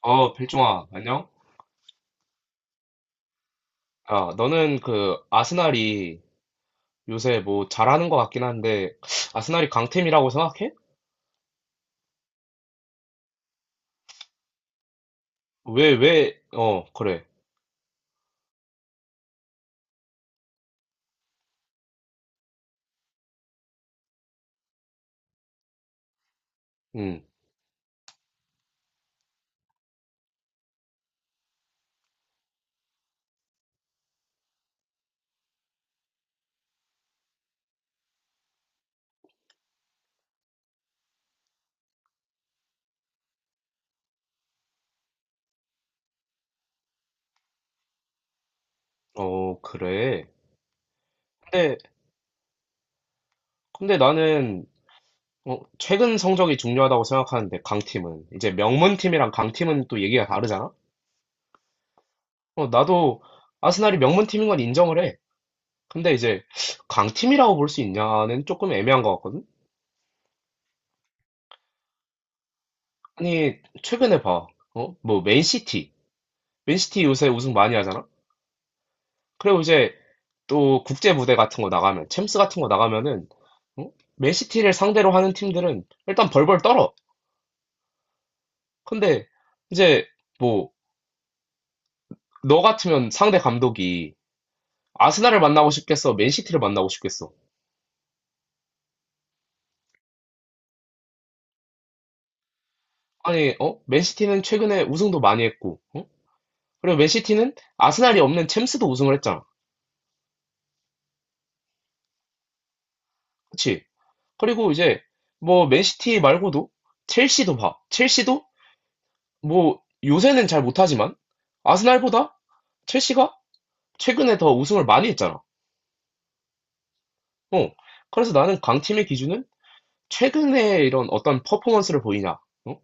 필중아, 안녕? 너는 아스날이 요새 잘하는 것 같긴 한데, 아스날이 강팀이라고 생각해? 왜, 그래. 음. 그래. 근데, 근데 나는 최근 성적이 중요하다고 생각하는데, 강팀은. 이제 명문팀이랑 강팀은 또 얘기가 다르잖아? 나도 아스날이 명문팀인 건 인정을 해. 근데 이제 강팀이라고 볼 수 있냐는 조금 애매한 것 같거든? 아니, 최근에 봐. 맨시티. 맨시티 요새 우승 많이 하잖아? 그리고 이제 또 국제 무대 같은 거 나가면, 챔스 같은 거 나가면은, 어? 맨시티를 상대로 하는 팀들은 일단 벌벌 떨어. 근데 이제 뭐, 너 같으면 상대 감독이 아스날을 만나고 싶겠어? 맨시티를 만나고 싶겠어? 아니, 어? 맨시티는 최근에 우승도 많이 했고, 어? 그리고 맨시티는 아스날이 없는 챔스도 우승을 했잖아. 그치? 그리고 이제 맨시티 말고도 첼시도 봐. 첼시도 요새는 잘 못하지만, 아스날보다 첼시가 최근에 더 우승을 많이 했잖아. 어. 그래서 나는 강팀의 기준은 최근에 이런 어떤 퍼포먼스를 보이냐, 어?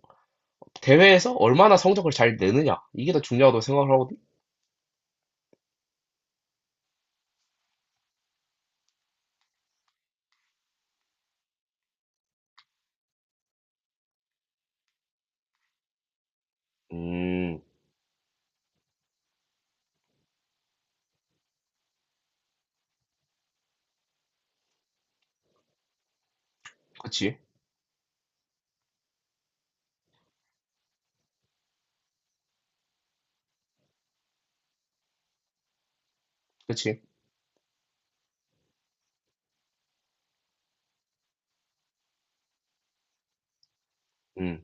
대회에서 얼마나 성적을 잘 내느냐, 이게 더 중요하다고 생각을 하거든. 음, 그치, 그치, 음,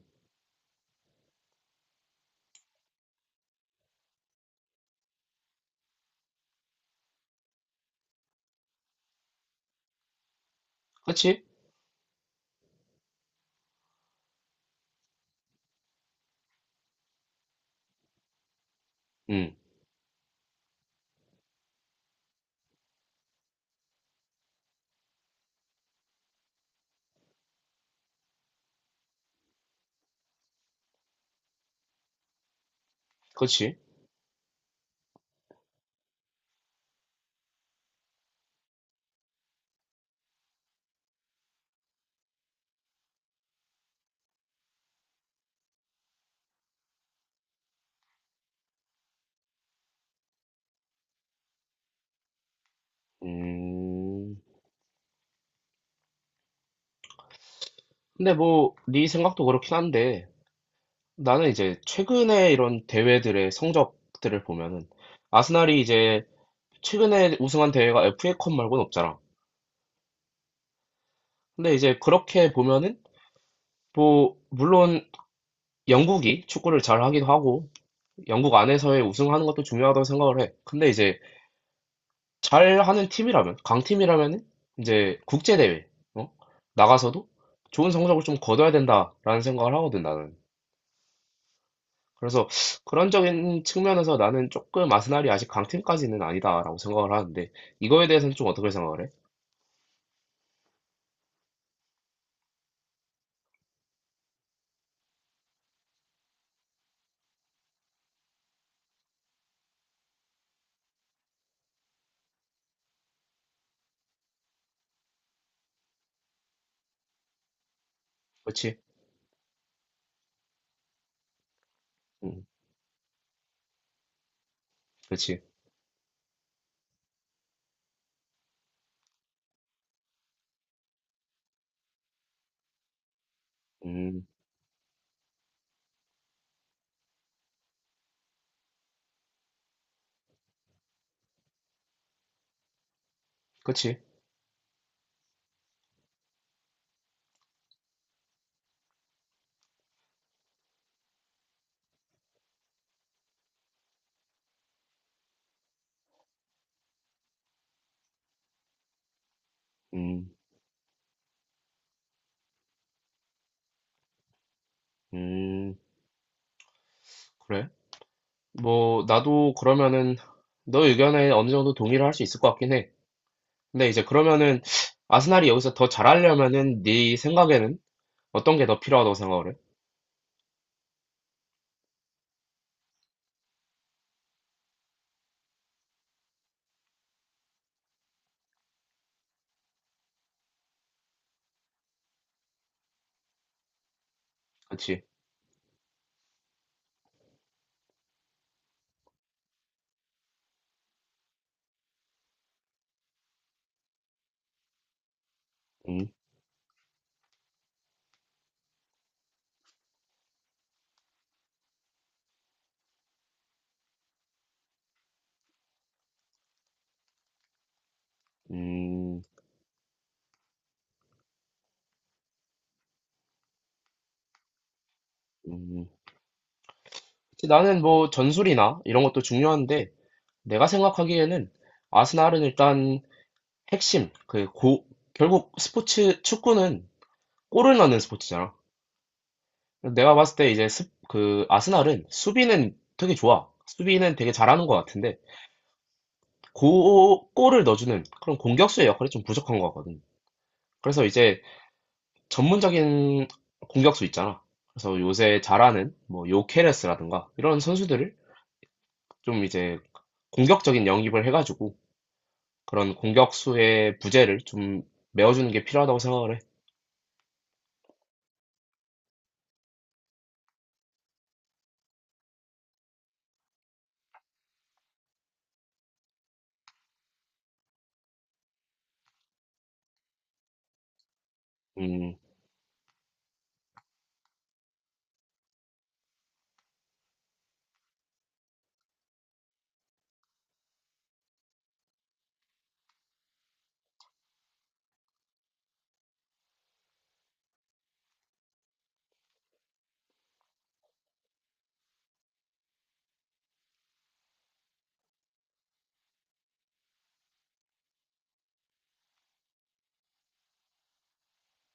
그치, 음, 그치, 음. 근데 네 생각도 그렇긴 한데, 나는 이제 최근에 이런 대회들의 성적들을 보면은, 아스날이 이제 최근에 우승한 대회가 FA컵 말고는 없잖아. 근데 이제 그렇게 보면은, 물론 영국이 축구를 잘하기도 하고 영국 안에서의 우승하는 것도 중요하다고 생각을 해. 근데 이제 잘하는 팀이라면 강팀이라면 이제 국제 대회 어? 나가서도 좋은 성적을 좀 거둬야 된다라는 생각을 하거든 나는. 그래서 그런적인 측면에서 나는 조금 아스날이 아직 강팀까지는 아니다라고 생각을 하는데 이거에 대해서는 좀 어떻게 생각을 해? 그렇지, 음, 그렇지, 음, 그렇지, 음, 음, 그래. 나도 그러면은 너 의견에 어느 정도 동의를 할 수 있을 것 같긴 해. 근데 이제 그러면은 아스날이 여기서 더 잘하려면은 네 생각에는 어떤 게 더 필요하다고 생각을 해? 그치? 음, 음, 음. 그치, 나는 전술이나 이런 것도 중요한데 내가 생각하기에는 아스날은 일단 핵심, 그 고, 결국 스포츠, 축구는 골을 넣는 스포츠잖아. 내가 봤을 때 이제 스, 그 아스날은 수비는 되게 좋아. 수비는 되게 잘하는 것 같은데 골을 넣어주는 그런 공격수의 역할이 좀 부족한 것 같거든. 그래서 이제 전문적인 공격수 있잖아. 그래서 요새 잘하는 요케레스라든가 이런 선수들을 좀 이제 공격적인 영입을 해가지고 그런 공격수의 부재를 좀 메워주는 게 필요하다고 생각을 해. 음,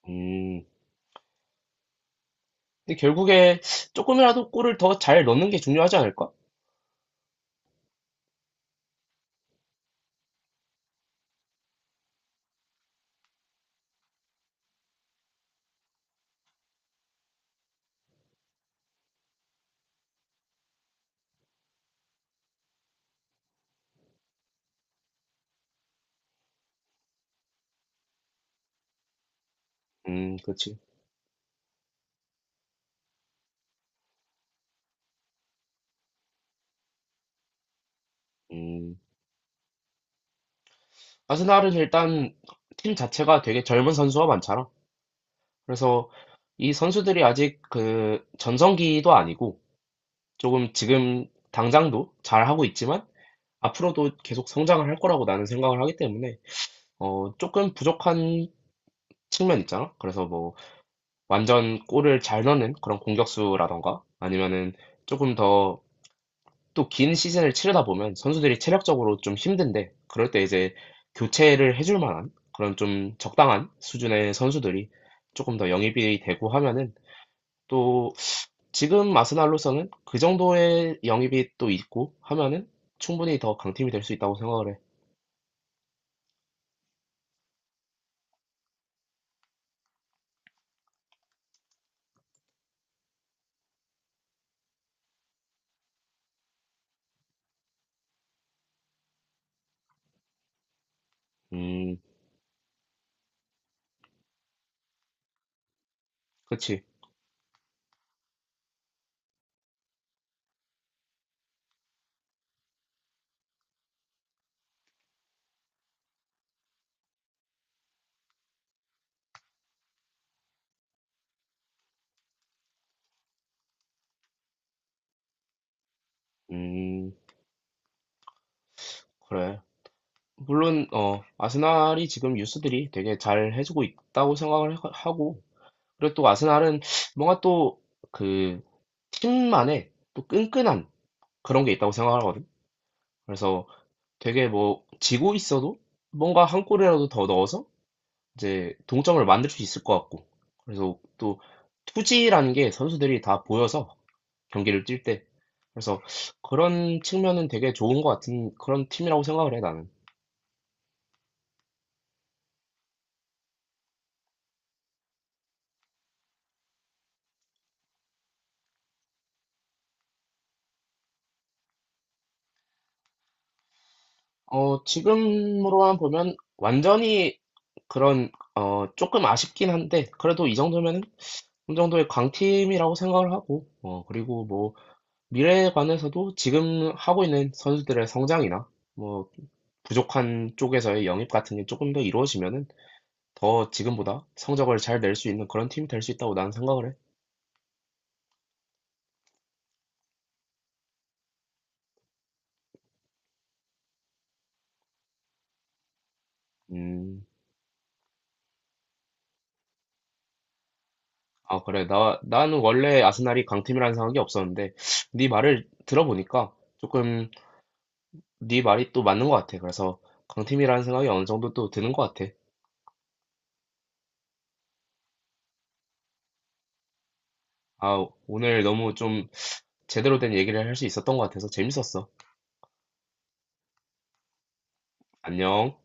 음. 근데 결국에 조금이라도 골을 더 잘 넣는 게 중요하지 않을까? 그렇지. 음. 아스날은 일단 팀 자체가 되게 젊은 선수가 많잖아. 그래서 이 선수들이 아직 그 전성기도 아니고 조금 지금 당장도 잘하고 있지만 앞으로도 계속 성장을 할 거라고 나는 생각을 하기 때문에 조금 부족한 측면 있잖아. 그래서 완전 골을 잘 넣는 그런 공격수라던가 아니면은 조금 더 또 긴 시즌을 치르다 보면 선수들이 체력적으로 좀 힘든데 그럴 때 이제 교체를 해줄 만한 그런 좀 적당한 수준의 선수들이 조금 더 영입이 되고 하면은 또 지금 아스날로서는 그 정도의 영입이 또 있고 하면은 충분히 더 강팀이 될 수 있다고 생각을 해. 음, 그치. 음, 그래. 물론, 어, 아스날이 지금 유스들이 되게 잘 해주고 있다고 생각을 하고, 그리고 또 아스날은 뭔가 또 그 팀만의 또 끈끈한 그런 게 있다고 생각하거든. 그래서 되게 지고 있어도 뭔가 한 골이라도 더 넣어서 이제 동점을 만들 수 있을 것 같고. 그래서 또 투지라는 게 선수들이 다 보여서 경기를 뛸 때. 그래서 그런 측면은 되게 좋은 것 같은 그런 팀이라고 생각을 해, 나는. 어, 지금으로만 보면 완전히 그런, 어, 조금 아쉽긴 한데, 그래도 이 정도면은 어느 정도의 강팀이라고 생각을 하고, 그리고 미래에 관해서도 지금 하고 있는 선수들의 성장이나, 뭐, 부족한 쪽에서의 영입 같은 게 조금 더 이루어지면은 더 지금보다 성적을 잘 낼 수 있는 그런 팀이 될 수 있다고 나는 생각을 해. 음. 아, 그래. 나는 원래 아스날이 강팀이라는 생각이 없었는데, 네 말을 들어보니까 조금 네 말이 또 맞는 것 같아. 그래서 강팀이라는 생각이 어느 정도 또 드는 것 같아. 아, 오늘 너무 좀 제대로 된 얘기를 할 수 있었던 것 같아서 재밌었어. 안녕.